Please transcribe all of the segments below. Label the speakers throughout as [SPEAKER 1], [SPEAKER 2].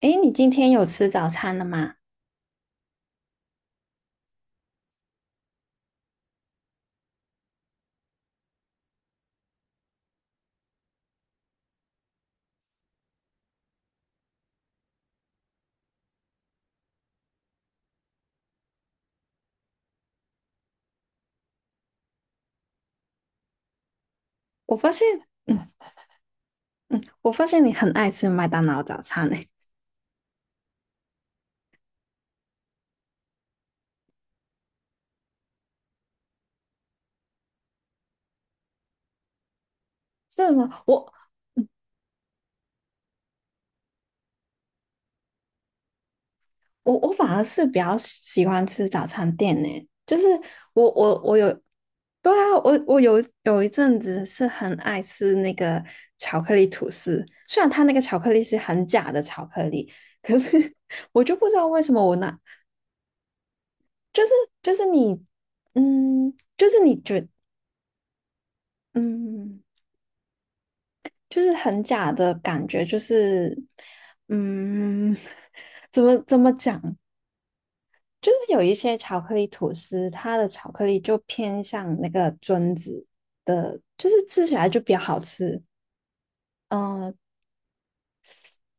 [SPEAKER 1] 诶，你今天有吃早餐了吗？我发现，嗯嗯，我发现你很爱吃麦当劳早餐诶，是吗？我反而是比较喜欢吃早餐店呢，就是我有，对啊，我有有一阵子是很爱吃那个巧克力吐司，虽然它那个巧克力是很假的巧克力，可是 我就不知道为什么我那就是就是你，就是你觉嗯。就是很假的感觉，就是嗯，怎么讲？就是有一些巧克力吐司，它的巧克力就偏向那个榛子的，就是吃起来就比较好吃。嗯、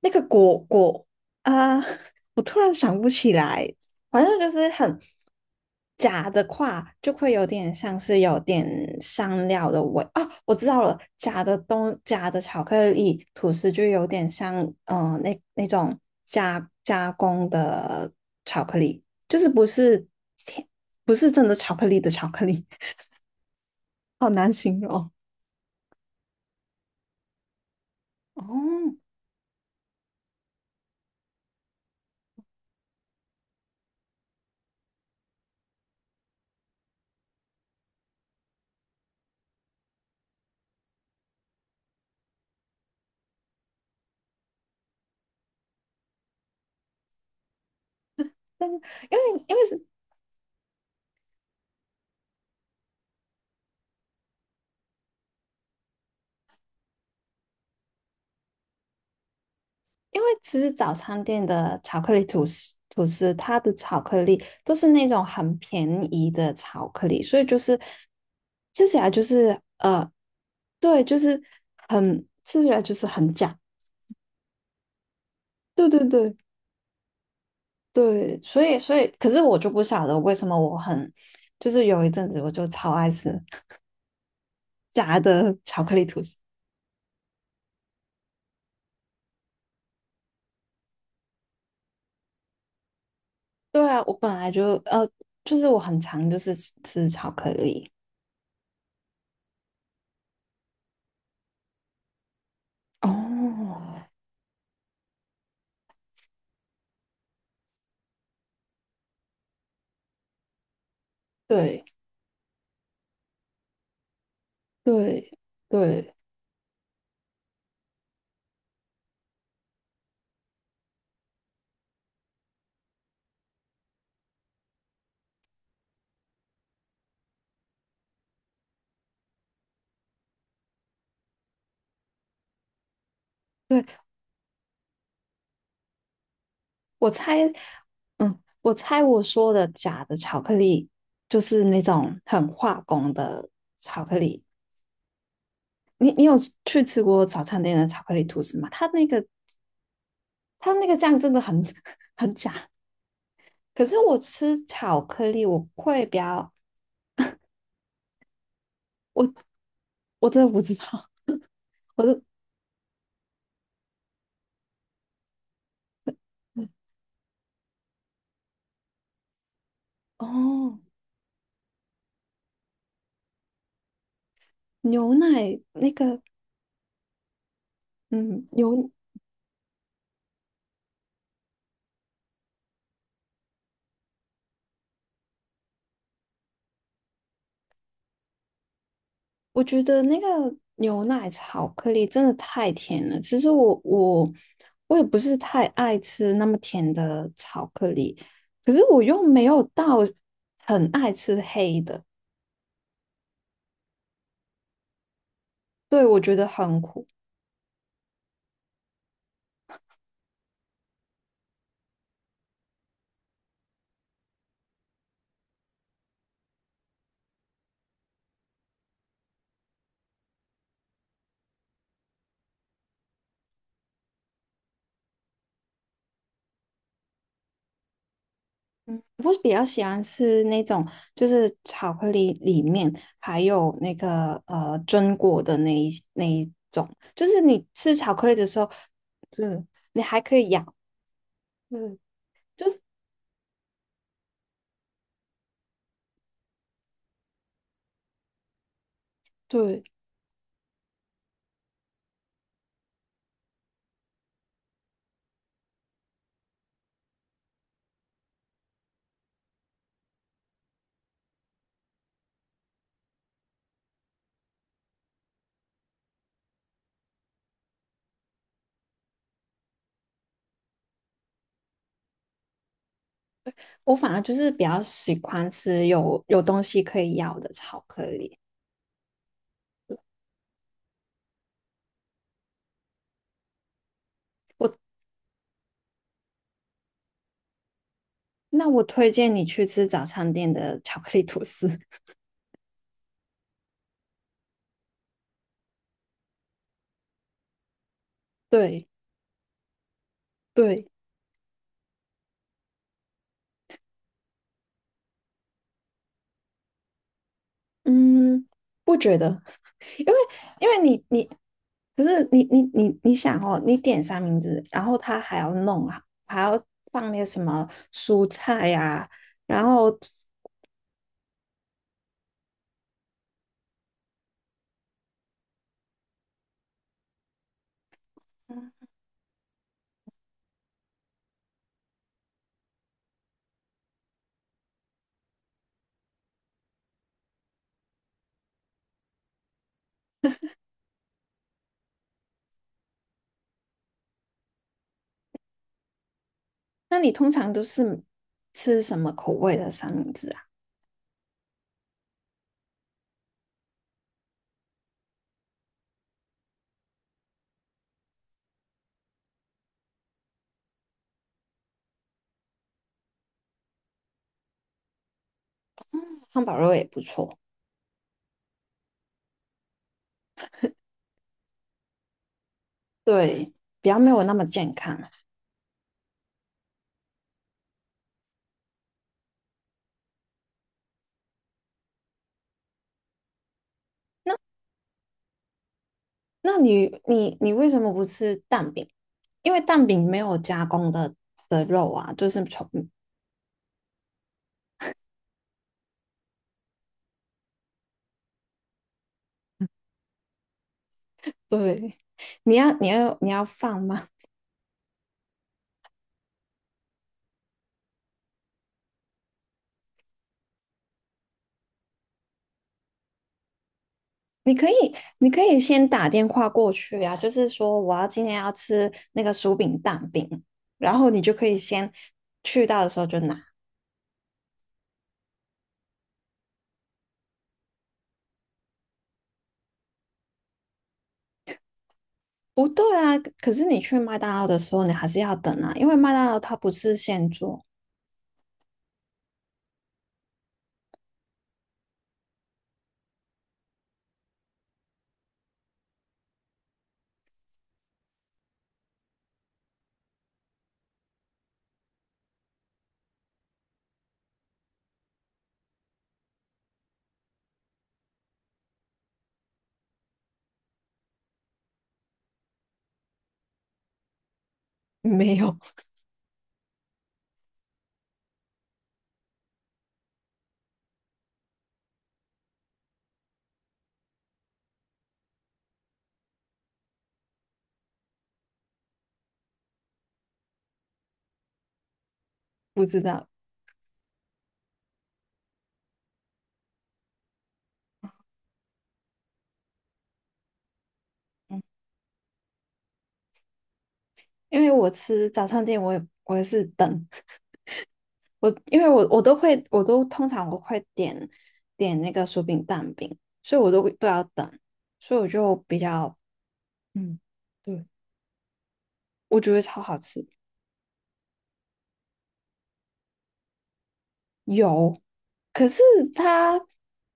[SPEAKER 1] 那个啊、我突然想不起来，反正就是很假的话，就会有点像是有点香料的味啊。我知道了，假的巧克力吐司就有点像那种加工的巧克力，就是不是甜不是真的巧克力的巧克力，好难形容哦。但是因为是因为其实早餐店的巧克力吐司，吐司它的巧克力都是那种很便宜的巧克力，所以就是吃起来就是对，就是很吃起来就是很假。对对对对，所以，可是我就不晓得为什么我很，就是有一阵子我就超爱吃 假的巧克力吐司。对啊，我本来就就是我很常就是吃吃巧克力。哦，对对对。对，我猜，我猜我说的假的巧克力就是那种很化工的巧克力。你有去吃过早餐店的巧克力吐司吗？它那个酱真的很 很假。可是我吃巧克力，我会比较，我我真的不知道，我的哦，牛奶那个，嗯，牛我觉得那个牛奶巧克力真的太甜了。其实我我也不是太爱吃那么甜的巧克力，可是我又没有到很爱吃黑的，对，我觉得很苦。嗯，我比较喜欢吃那种，就是巧克力里面还有那个榛果的那一种，就是你吃巧克力的时候，嗯，你还可以咬，嗯，就是对。我反而就是比较喜欢吃有东西可以咬的巧克力。我那我推荐你去吃早餐店的巧克力吐司。对对，嗯，不觉得，因为因为你不是你想哦，你点三明治，然后他还要弄啊，还要放那个什么蔬菜呀、啊然后嗯那你通常都是吃什么口味的三明治啊？汉堡肉也不错，对，比较没有那么健康。那你为什么不吃蛋饼？因为蛋饼没有加工的的肉啊，就是从 对，你要放吗？你可以你可以先打电话过去啊，就是说我要今天要吃那个薯饼蛋饼，然后你就可以先去到的时候就拿。不对啊，可是你去麦当劳的时候，你还是要等啊，因为麦当劳它不是现做，没有，不知道，嗯，因为我吃早餐店我也是等。我因为我都会，我都通常我会点点那个薯饼蛋饼，所以我都都要等，所以我就比较嗯，对，我觉得超好吃，有，可是它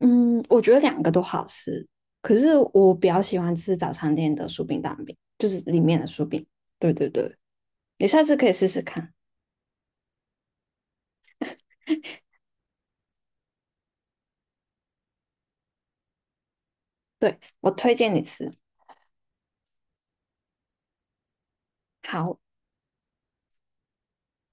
[SPEAKER 1] 嗯，我觉得两个都好吃，可是我比较喜欢吃早餐店的薯饼蛋饼，就是里面的薯饼，对对对，你下次可以试试看，对，我推荐你吃，好，